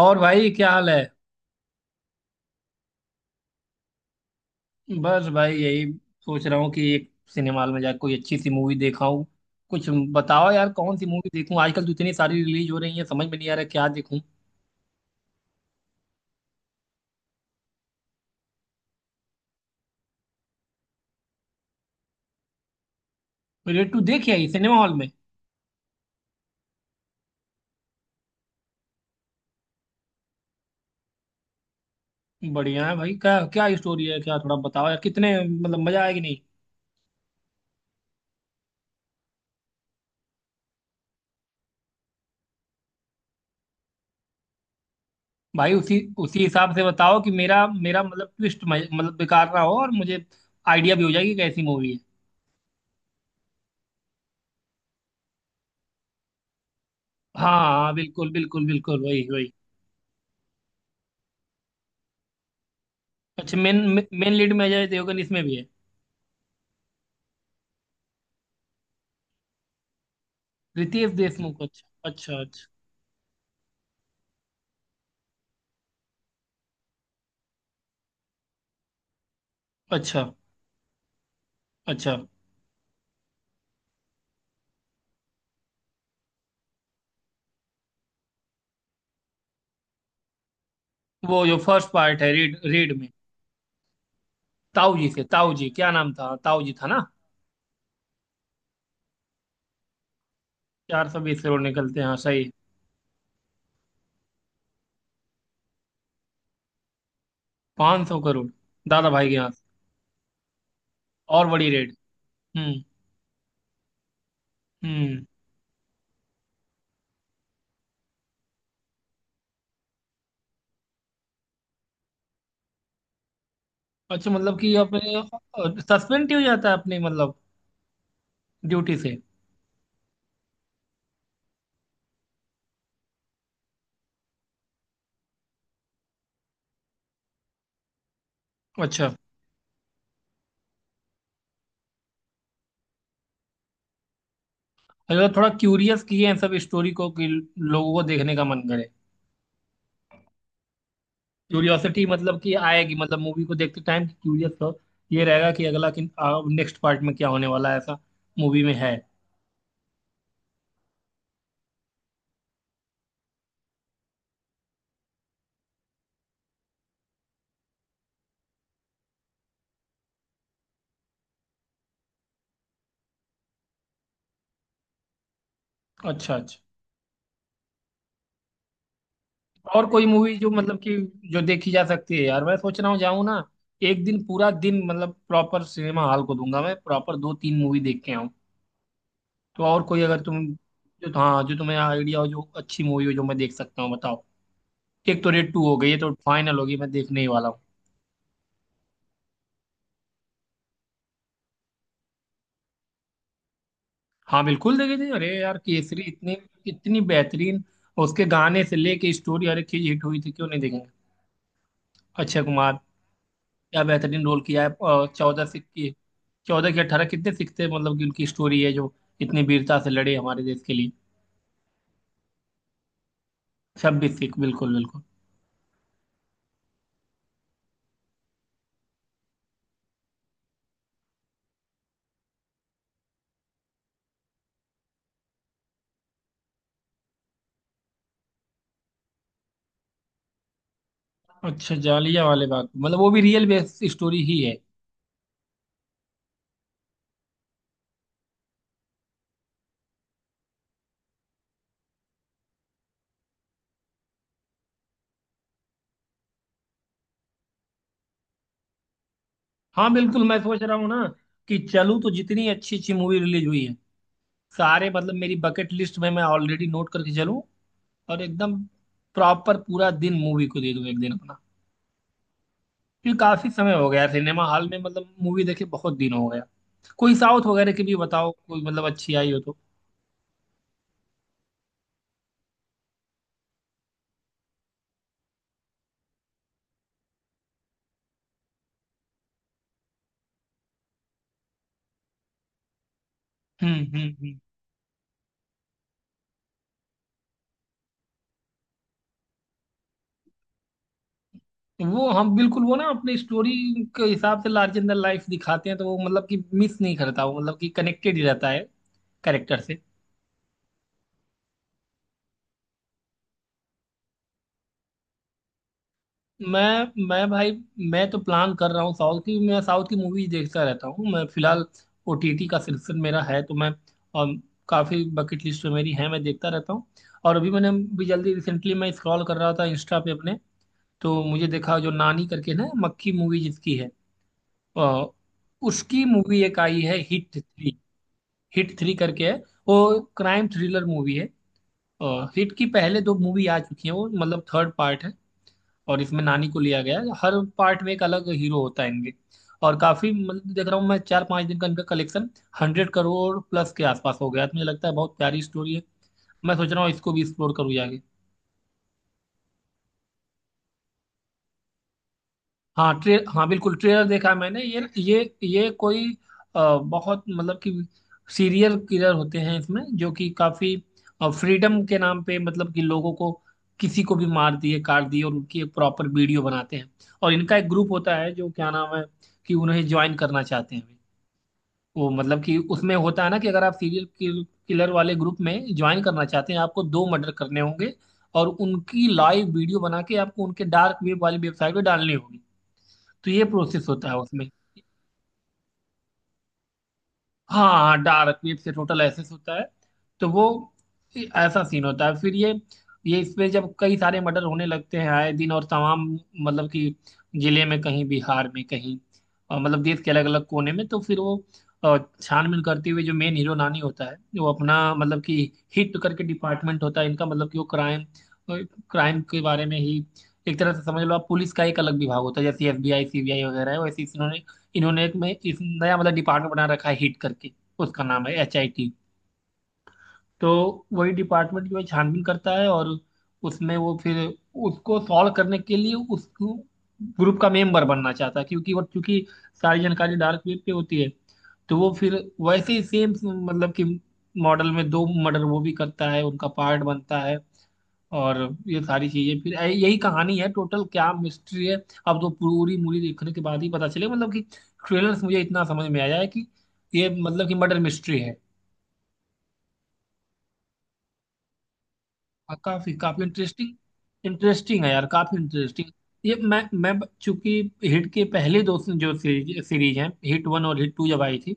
और भाई, क्या हाल है? बस भाई, यही सोच रहा हूँ कि एक सिनेमा हॉल में जाकर कोई अच्छी सी मूवी देखा हूँ कुछ। बताओ यार, कौन सी मूवी देखूँ? आजकल तो इतनी सारी रिलीज हो रही है, समझ में नहीं आ रहा क्या देखूँ। रेड टू देखी आई सिनेमा हॉल में? बढ़िया है भाई। क्या क्या स्टोरी है? क्या थोड़ा बताओ यार, कितने मतलब मजा आएगी नहीं? भाई, उसी उसी हिसाब से बताओ कि मेरा मेरा मतलब ट्विस्ट मतलब बेकार ना हो, और मुझे आइडिया भी हो जाएगी कि कैसी मूवी है। हाँ हाँ, बिल्कुल बिल्कुल बिल्कुल, वही वही। अच्छा, मेन मेन लीड में अजय देवगन इसमें भी है? रितेश देशमुख? अच्छा अच्छा। अच्छा अच्छा। अच्छा। वो जो फर्स्ट पार्ट है, रीड रीड में? ताऊ जी से, ताऊ जी क्या नाम था? ताऊ जी था ना? 420 करोड़ निकलते हैं? हाँ, सही है। 500 करोड़ दादा भाई के यहाँ से। और बड़ी रेड। हम्म। हम्म। अच्छा मतलब कि अपने सस्पेंड ही हो जाता है, अपनी मतलब ड्यूटी से? अच्छा अच्छा। थोड़ा क्यूरियस किए हैं सब स्टोरी को कि लोगों को देखने का मन करे। क्यूरियोसिटी मतलब कि आएगी, मतलब मूवी को देखते टाइम क्यूरियस हो, ये रहेगा कि अगला किन नेक्स्ट पार्ट में क्या होने वाला है, ऐसा मूवी में है? अच्छा अच्छा। और कोई मूवी जो मतलब कि जो देखी जा सकती है यार? मैं सोच रहा हूँ, जाऊँ ना। एक दिन, पूरा दिन मतलब प्रॉपर सिनेमा हॉल को दूंगा मैं, प्रॉपर दो तीन मूवी देख के आऊँ। तो और कोई, अगर तुम जो, हाँ, जो तुम्हें आइडिया हो, जो अच्छी मूवी हो जो मैं देख सकता हूँ, बताओ। एक तो रेड टू हो गई, ये तो फाइनल होगी, मैं देखने ही वाला हूँ। हाँ बिल्कुल, देखे थे। अरे यार केसरी इतनी इतनी बेहतरीन! उसके गाने से लेके स्टोरी, हर एक चीज हिट हुई थी, क्यों नहीं देखेंगे। अक्षय कुमार! क्या बेहतरीन रोल किया है। 14 सिख की। 14 की 18, कितने सिख थे मतलब कि, उनकी स्टोरी है जो इतनी वीरता से लड़े हमारे देश के लिए। 26 सिख, बिल्कुल बिल्कुल। अच्छा, जालिया वाले बात मतलब वो भी रियल बेस्ड स्टोरी ही है? हाँ बिल्कुल, मैं सोच रहा हूँ ना कि चलूँ तो जितनी अच्छी अच्छी मूवी रिलीज हुई है, सारे मतलब मेरी बकेट लिस्ट में मैं ऑलरेडी नोट करके चलूँ, और एकदम प्रॉपर पूरा दिन मूवी को दे दूं एक दिन अपना, क्योंकि काफी समय हो गया सिनेमा हॉल में, मतलब मूवी देखे बहुत दिन हो गया। कोई साउथ वगैरह की भी बताओ, कोई मतलब अच्छी आई हो तो। हम्म। हम्म। हम्म। वो हम बिल्कुल, वो ना अपनी स्टोरी के हिसाब से लार्जर देन लाइफ दिखाते हैं, तो वो मतलब कि मिस नहीं करता, वो मतलब कि कनेक्टेड ही रहता है कैरेक्टर से। मैं भाई, मैं तो प्लान कर रहा हूँ साउथ की, मैं साउथ की मूवी देखता रहता हूँ मैं, फिलहाल ओटीटी का सिलेक्शन मेरा है, तो मैं अम, काफी बकेट लिस्ट में मेरी है, मैं देखता रहता हूँ। और अभी मैंने भी जल्दी रिसेंटली मैं स्क्रॉल कर रहा था इंस्टा पे अपने, तो मुझे देखा जो नानी करके ना, मक्खी मूवी जिसकी है, अ, उसकी मूवी एक आई है हिट थ्री। हिट थ्री करके है, वो क्राइम थ्रिलर मूवी है। अ, हिट की पहले दो मूवी आ चुकी हैं, वो मतलब थर्ड पार्ट है। और इसमें नानी को लिया गया है, हर पार्ट में एक अलग हीरो होता है इनके। और काफी मतलब देख रहा हूँ मैं, 4-5 दिन का इनका कलेक्शन 100 करोड़ प्लस के आसपास हो गया, तो मुझे लगता है बहुत प्यारी स्टोरी है। मैं सोच रहा हूँ इसको भी एक्सप्लोर करूँ जाके। हाँ ट्रे हाँ बिल्कुल, ट्रेलर देखा है मैंने। ये कोई बहुत मतलब कि सीरियल किलर होते हैं इसमें, जो कि काफी फ्रीडम के नाम पे मतलब कि लोगों को, किसी को भी मार दिए काट दिए, और उनकी एक प्रॉपर वीडियो बनाते हैं। और इनका एक ग्रुप होता है, जो क्या नाम है, कि उन्हें ज्वाइन करना चाहते हैं। वो मतलब कि उसमें होता है ना कि अगर आप सीरियल किलर वाले ग्रुप में ज्वाइन करना चाहते हैं, आपको दो मर्डर करने होंगे। और उनकी लाइव वीडियो बना के आपको उनके डार्क वेब वाली वेबसाइट पे डालनी होगी। तो ये प्रोसेस होता है उसमें। हाँ हाँ, डार्क वेब से टोटल एसेस होता है। तो वो ऐसा सीन होता है फिर, ये इसमें जब कई सारे मर्डर होने लगते हैं आए दिन और तमाम मतलब कि, जिले में, कहीं बिहार में कहीं, और मतलब देश के अलग अलग कोने में, तो फिर वो छानबीन करते हुए जो मेन हीरो नानी होता है, वो अपना मतलब कि हिट करके डिपार्टमेंट होता है इनका, मतलब कि वो क्राइम क्राइम के बारे में ही। एक तरह से समझ लो, आप पुलिस का एक अलग विभाग होता है जैसे एफबीआई सीबीआई वगैरह है, वैसे इन्होंने इन्होंने एक में इस नया मतलब डिपार्टमेंट बना रखा है हिट करके। उसका नाम है एच आई टी। तो वही डिपार्टमेंट जो है छानबीन करता है, और उसमें वो फिर, उसको सॉल्व करने के लिए उस ग्रुप का मेंबर बनना चाहता है क्योंकि वो क्योंकि सारी जानकारी डार्क वेब पे होती है। तो वो फिर वैसे ही सेम मतलब कि मॉडल में दो मर्डर वो भी करता है, उनका पार्ट बनता है। और ये सारी चीजें फिर यही कहानी है, टोटल क्या मिस्ट्री है। अब तो पूरी मूवी देखने के बाद ही पता चले मतलब कि, ट्रेलर से मुझे इतना समझ में आया है कि ये मतलब कि मर्डर मिस्ट्री है। और काफी काफी इंटरेस्टिंग। इंटरेस्टिंग है यार, काफी इंटरेस्टिंग। ये मैं चूंकि हिट के पहले दो जो सीरीज सीरीज हैं, हिट वन और हिट टू जब आई थी,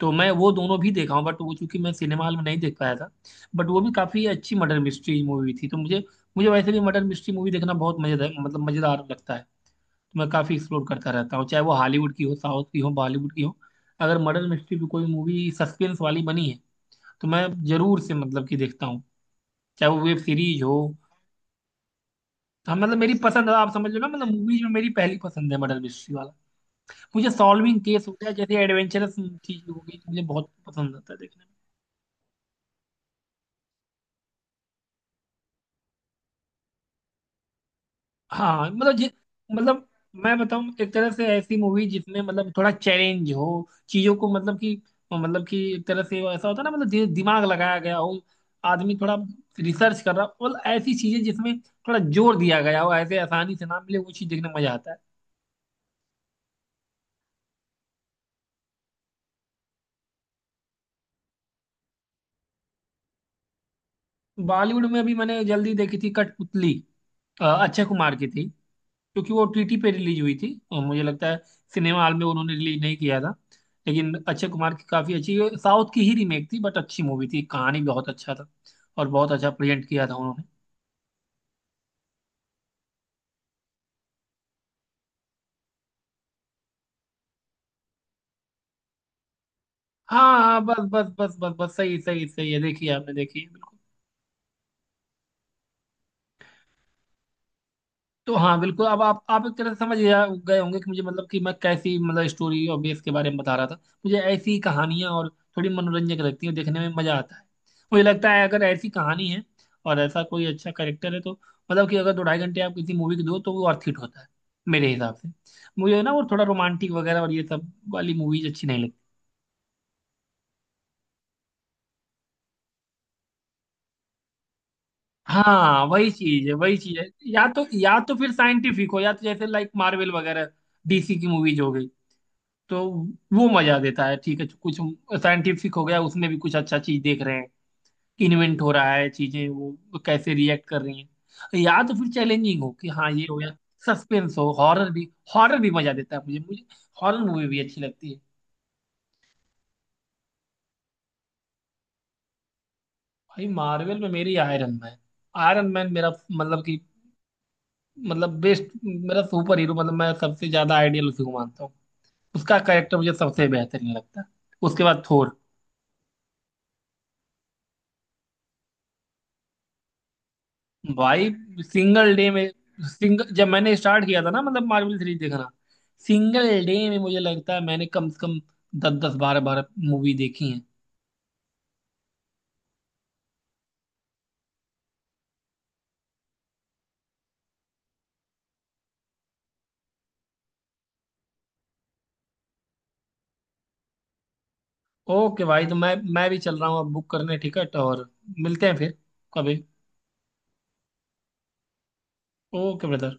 तो मैं वो दोनों भी देखा हूँ, बट वो चूंकि मैं सिनेमा हॉल में नहीं देख पाया था। बट वो भी काफी अच्छी मर्डर मिस्ट्री मूवी थी। तो मुझे मुझे वैसे भी मर्डर मिस्ट्री मूवी देखना बहुत मजेदार मतलब मजेदार लगता है। तो मैं काफ़ी एक्सप्लोर करता रहता हूँ, चाहे वो हॉलीवुड की हो, साउथ की हो, बॉलीवुड की हो। अगर मर्डर मिस्ट्री भी कोई मूवी सस्पेंस वाली बनी है, तो मैं जरूर से मतलब कि देखता हूँ, चाहे वो वेब सीरीज हो। तो हाँ, मतलब मेरी पसंद है, आप समझ लो ना, मतलब मूवीज में मेरी पहली पसंद है मर्डर मिस्ट्री वाला। मुझे सॉल्विंग केस होता है, जैसे एडवेंचरस चीज होगी तो मुझे बहुत पसंद आता है देखने में। हाँ मतलब मतलब मैं बताऊं, एक तरह से ऐसी मूवी जिसमें मतलब थोड़ा चैलेंज हो। चीजों को मतलब कि एक तरह से वो ऐसा होता है ना, मतलब दिमाग लगाया गया हो, आदमी थोड़ा रिसर्च कर रहा हो, मतलब ऐसी चीजें जिसमें थोड़ा जोर दिया गया हो, ऐसे आसानी से ना मिले, वो चीज देखने में मजा आता है। बॉलीवुड में अभी मैंने जल्दी देखी थी कठपुतली, अक्षय कुमार की थी। क्योंकि वो ओटीटी पे रिलीज हुई थी और मुझे लगता है सिनेमा हॉल में उन्होंने रिलीज नहीं किया था। लेकिन अक्षय कुमार की काफ़ी अच्छी, साउथ की ही रीमेक थी बट अच्छी मूवी थी, कहानी बहुत अच्छा था, और बहुत अच्छा प्रेजेंट किया था उन्होंने। हाँ हाँ, बस बस बस बस बस, सही सही सही है, देखिए आपने देखी है। तो हाँ बिल्कुल, अब आप एक तरह से समझ गए होंगे कि मुझे मतलब कि मैं कैसी मतलब स्टोरी और बेस के बारे में बता रहा था। मुझे ऐसी कहानियां और थोड़ी मनोरंजक लगती हैं, देखने में मजा आता है। मुझे लगता है अगर ऐसी कहानी है और ऐसा कोई अच्छा कैरेक्टर है, तो मतलब कि अगर दो ढाई घंटे आप किसी मूवी को दो तो वो अर्थ हिट होता है मेरे हिसाब से। मुझे ना वो थोड़ा रोमांटिक वगैरह और ये सब वाली मूवीज अच्छी नहीं लगती। हाँ वही चीज है, वही चीज है। या तो फिर साइंटिफिक हो, या तो जैसे लाइक मार्वल वगैरह डीसी की मूवीज हो गई, तो वो मजा देता है। ठीक है, कुछ साइंटिफिक हो गया उसमें भी, कुछ अच्छा चीज देख रहे हैं, इन्वेंट हो रहा है चीजें, वो कैसे रिएक्ट कर रही हैं, या तो फिर चैलेंजिंग हो कि हाँ ये हो गया, सस्पेंस हो, हॉरर भी। हॉरर भी मजा देता है मुझे मुझे हॉरर मूवी भी अच्छी लगती है। भाई मार्वल में मेरी आयरन मैन, आयरन मैन मेरा मतलब कि, मतलब बेस्ट मेरा सुपर हीरो, मतलब मैं सबसे ज्यादा आइडियल उसी को मानता हूँ, उसका कैरेक्टर मुझे सबसे बेहतरीन लगता है। उसके बाद थोर। भाई सिंगल डे में सिंगल जब मैंने स्टार्ट किया था ना मतलब मार्वल सीरीज देखना, सिंगल डे में मुझे लगता है मैंने कम से कम दस दस बारह बारह मूवी देखी हैं। ओके भाई, तो मैं भी चल रहा हूँ अब बुक करने टिकट, और मिलते हैं फिर कभी। Okay brother.